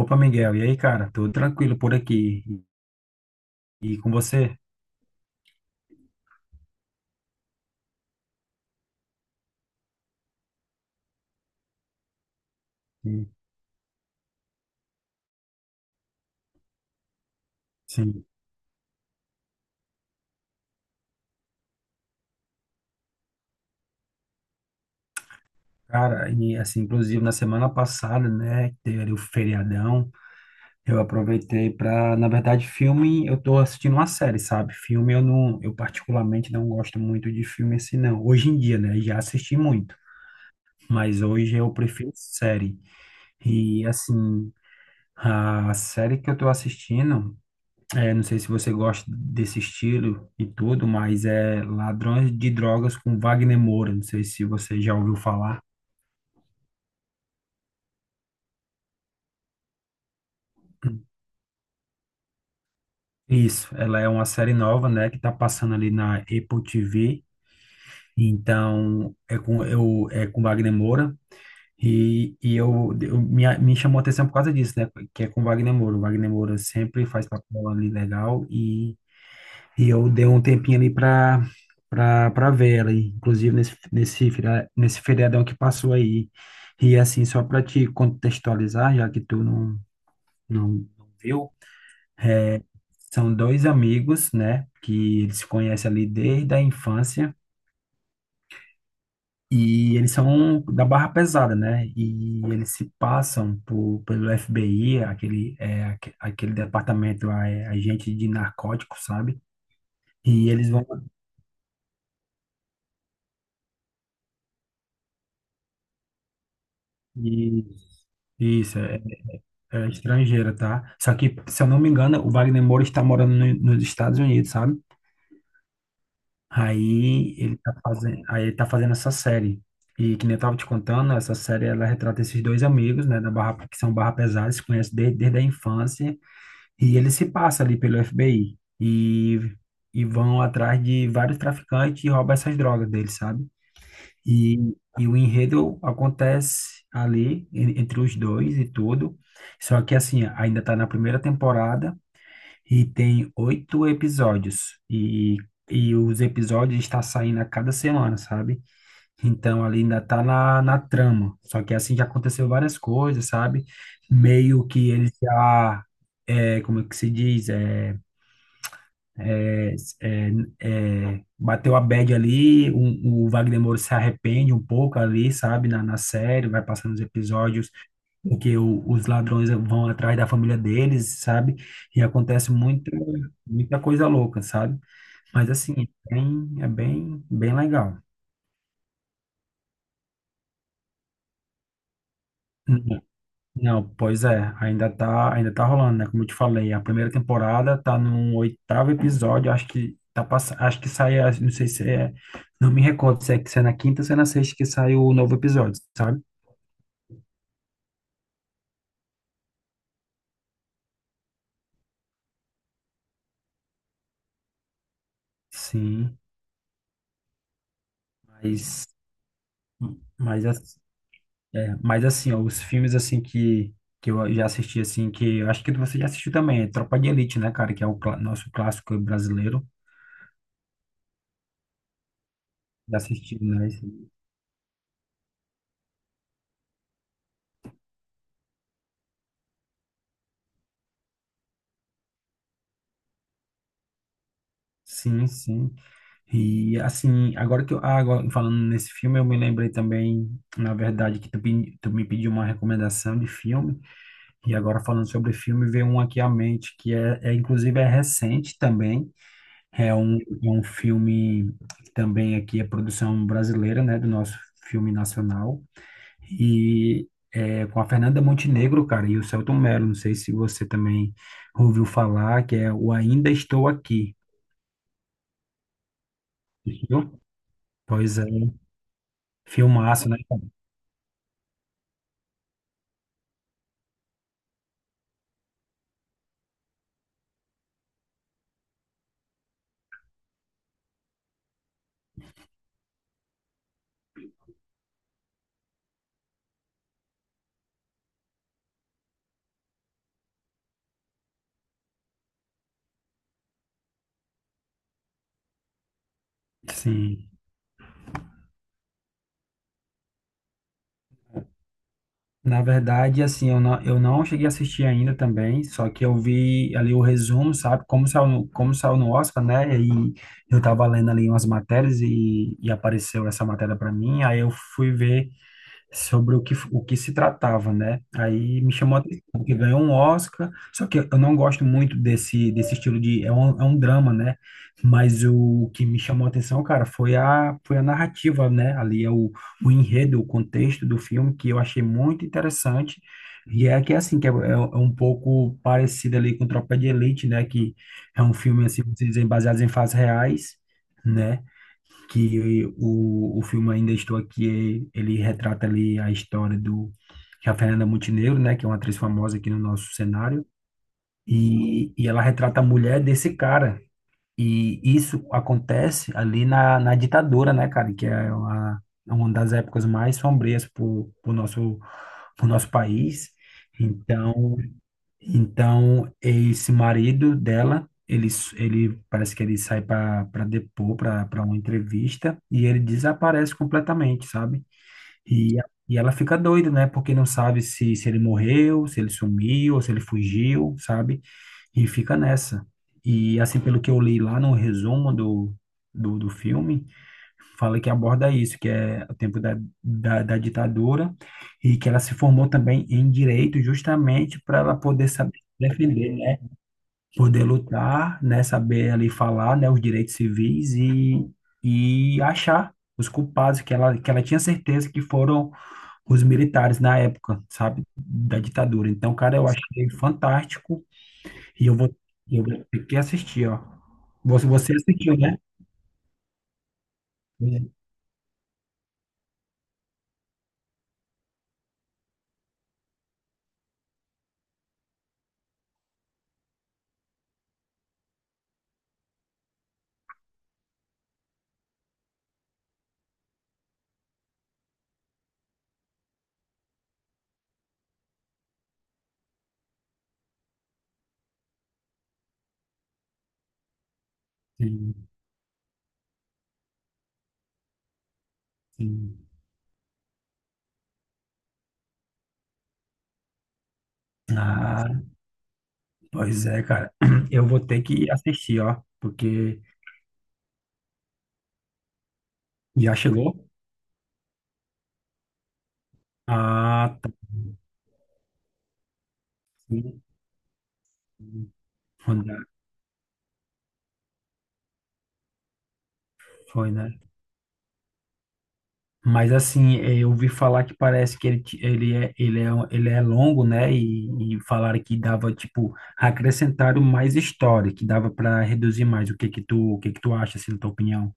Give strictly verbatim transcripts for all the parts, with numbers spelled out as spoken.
Opa, Miguel, e aí, cara? Tudo tranquilo por aqui? E, e com você? Sim. Sim. Cara, e assim, inclusive na semana passada, né, que teve ali o feriadão, eu aproveitei pra, na verdade, filme, eu tô assistindo uma série, sabe? Filme eu não, eu particularmente não gosto muito de filme assim, não. Hoje em dia, né, já assisti muito, mas hoje eu prefiro série. E assim, a série que eu tô assistindo. É, não sei se você gosta desse estilo e tudo, mas é Ladrões de Drogas com Wagner Moura. Não sei se você já ouviu falar. Isso, ela é uma série nova, né, que tá passando ali na Apple T V. Então, é com eu é com Wagner Moura, e, e eu, eu me, me chamou a atenção por causa disso, né, que é com Wagner Moura. O Wagner Moura sempre faz papel ali legal. e E eu dei um tempinho ali pra, pra, pra ver ela, e, inclusive nesse, nesse, feria- nesse feriadão que passou aí. E assim, só pra te contextualizar, já que tu não, não, não viu, são dois amigos, né, que eles se conhecem ali desde a infância, e eles são da barra pesada, né, e eles se passam por, pelo F B I, aquele, é, aque- aquele departamento lá, é agente de narcóticos, sabe? E eles vão... e- isso, é. É estrangeira, tá? Só que, se eu não me engano, o Wagner Moura está morando no- nos Estados Unidos, sabe? Aí ele tá fazendo, aí ele tá fazendo essa série. E que nem eu tava te contando, essa série ela retrata esses dois amigos, né, da Barra, que são Barra Pesada, se conhecem desde, desde a infância, e ele se passa ali pelo F B I e, e vão atrás de vários traficantes e roubam essas drogas deles, sabe? E, e o enredo acontece ali en- entre os dois e tudo. Só que assim, ainda tá na primeira temporada. E tem oito episódios. E, e os episódios estão saindo a cada semana, sabe? Então ali ainda tá na, na trama. Só que assim já aconteceu várias coisas, sabe? Meio que ele já. É, como é que se diz? É, é, é, é, bateu a bad ali. O, o Wagner Moura se arrepende um pouco ali, sabe? Na, na série, vai passando os episódios em que o- os ladrões vão atrás da família deles, sabe? E acontece muita, muita coisa louca, sabe? Mas assim, é bem, é bem, bem legal. Não, não, pois é, ainda tá, ainda tá rolando, né? Como eu te falei, a primeira temporada tá no oitavo episódio, acho que tá pass... acho que sai, acho- não sei se é, não me recordo se é, se é na quinta ou se é na sexta que sai o novo episódio, sabe? Sim, mas, mas assim. É, mas assim, ó, os filmes assim que, que eu já assisti assim, que eu acho que você já assistiu também, é Tropa de Elite, né, cara, que é o clá- nosso clássico brasileiro. Já assisti, né? esse- Sim, sim. E assim, agora que eu, ah, agora, falando nesse filme, eu me lembrei também, na verdade, que tu, pe- tu me pediu uma recomendação de filme, e agora falando sobre filme, veio um aqui à mente, que é, é inclusive é recente também, é um, é um filme que também aqui é produção brasileira, né, do nosso filme nacional. E é com a Fernanda Montenegro, cara, e o Selton Mello. Não sei se você também ouviu falar, que é o Ainda Estou Aqui, viu? Pois é, filmaço, né, cara? Sim. Na verdade, assim, eu não, eu não cheguei a assistir ainda também, só que eu vi ali o resumo, sabe? Como saiu, no- como saiu no Oscar, né? E eu tava lendo ali umas matérias e, e apareceu essa matéria para mim, aí eu fui ver sobre o que, o que se tratava, né? Aí me chamou a atenção, porque ganhou um Oscar, só que eu não gosto muito desse, desse estilo de... É um, é um drama, né? Mas o que me chamou a atenção, cara, foi a, foi a narrativa, né? Ali é o, o enredo, o contexto do filme, que eu achei muito interessante. E é que, é assim, que é, é é um pouco parecido ali com Tropa de Elite, né? Que é um filme, assim, vamos dizer, baseado em fatos reais, né? Que o, o filme Ainda Estou Aqui, ele retrata ali a história do que a Fernanda Montenegro, né, que é uma atriz famosa aqui no nosso cenário, e, e ela retrata a mulher desse cara. E isso acontece ali na, na ditadura, né, cara, que é uma, uma das épocas mais sombrias pro, pro nosso, pro nosso país. Então, então, esse marido dela, ele ele parece que ele sai para para depor, para uma entrevista, e ele desaparece completamente, sabe? E, e ela fica doida, né? Porque não sabe se, se ele morreu, se ele sumiu, ou se ele fugiu, sabe? E fica nessa. E assim, pelo que eu li lá no resumo do, do, do filme, fala que aborda isso, que é o tempo da, da, da ditadura, e que ela se formou também em direito justamente para ela poder saber defender, né? Poder lutar, né? Saber ali falar, né? Os direitos civis e, e achar os culpados, que ela, que ela tinha certeza que foram os militares na época, sabe? Da ditadura. Então, cara, eu achei fantástico e eu vou, eu vou ter que assistir, ó. Você, você assistiu, né? Sim, sim. Ah, pois é, cara. Eu vou ter que assistir, ó, porque já chegou. Ah, tá. Sim. Foi, né? Foi, né? Mas assim, eu ouvi falar que parece que ele, ti- ele é, ele é, um- ele é longo, né? E, e falaram que dava, tipo, acrescentaram mais história, que dava para reduzir mais. O que que tu, o que que tu acha, assim, na tua opinião?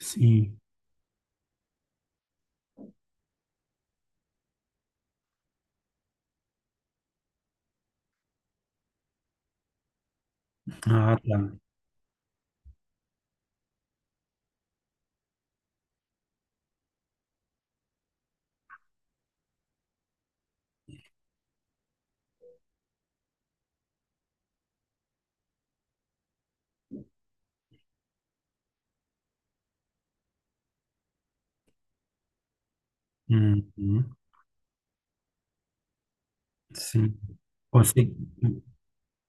Sim. Ah, tá. Uhum. Sim. Consegui.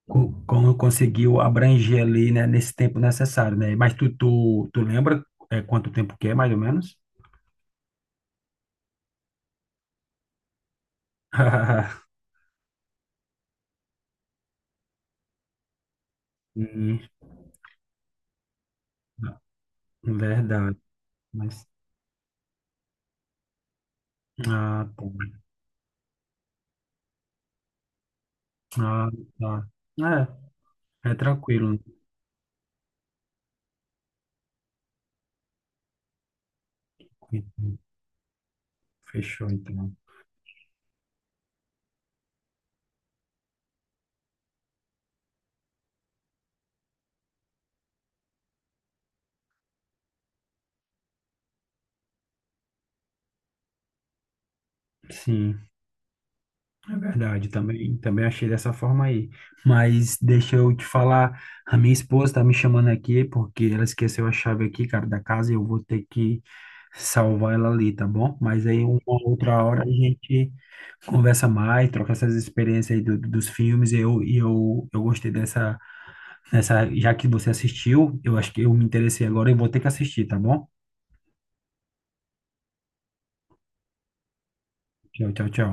co- Como conseguiu abranger ali, né, nesse tempo necessário, né? Mas tu, tu, tu lembra é, quanto tempo que é, mais ou menos? Hum. Verdade, mas... Ah, tá. Ah, tá. É, é tranquilo. Né? Fechou, então. Sim. É verdade, também, também achei dessa forma aí. Mas deixa eu te falar, a minha esposa tá me chamando aqui porque ela esqueceu a chave aqui, cara, da casa e eu vou ter que salvar ela ali, tá bom? Mas aí uma outra hora a gente conversa mais, troca essas experiências aí do- do- dos filmes. E eu, e eu, eu gostei dessa, dessa, já que você assistiu, eu acho que eu me interessei agora e vou ter que assistir, tá bom? Tchau, tchau, tchau.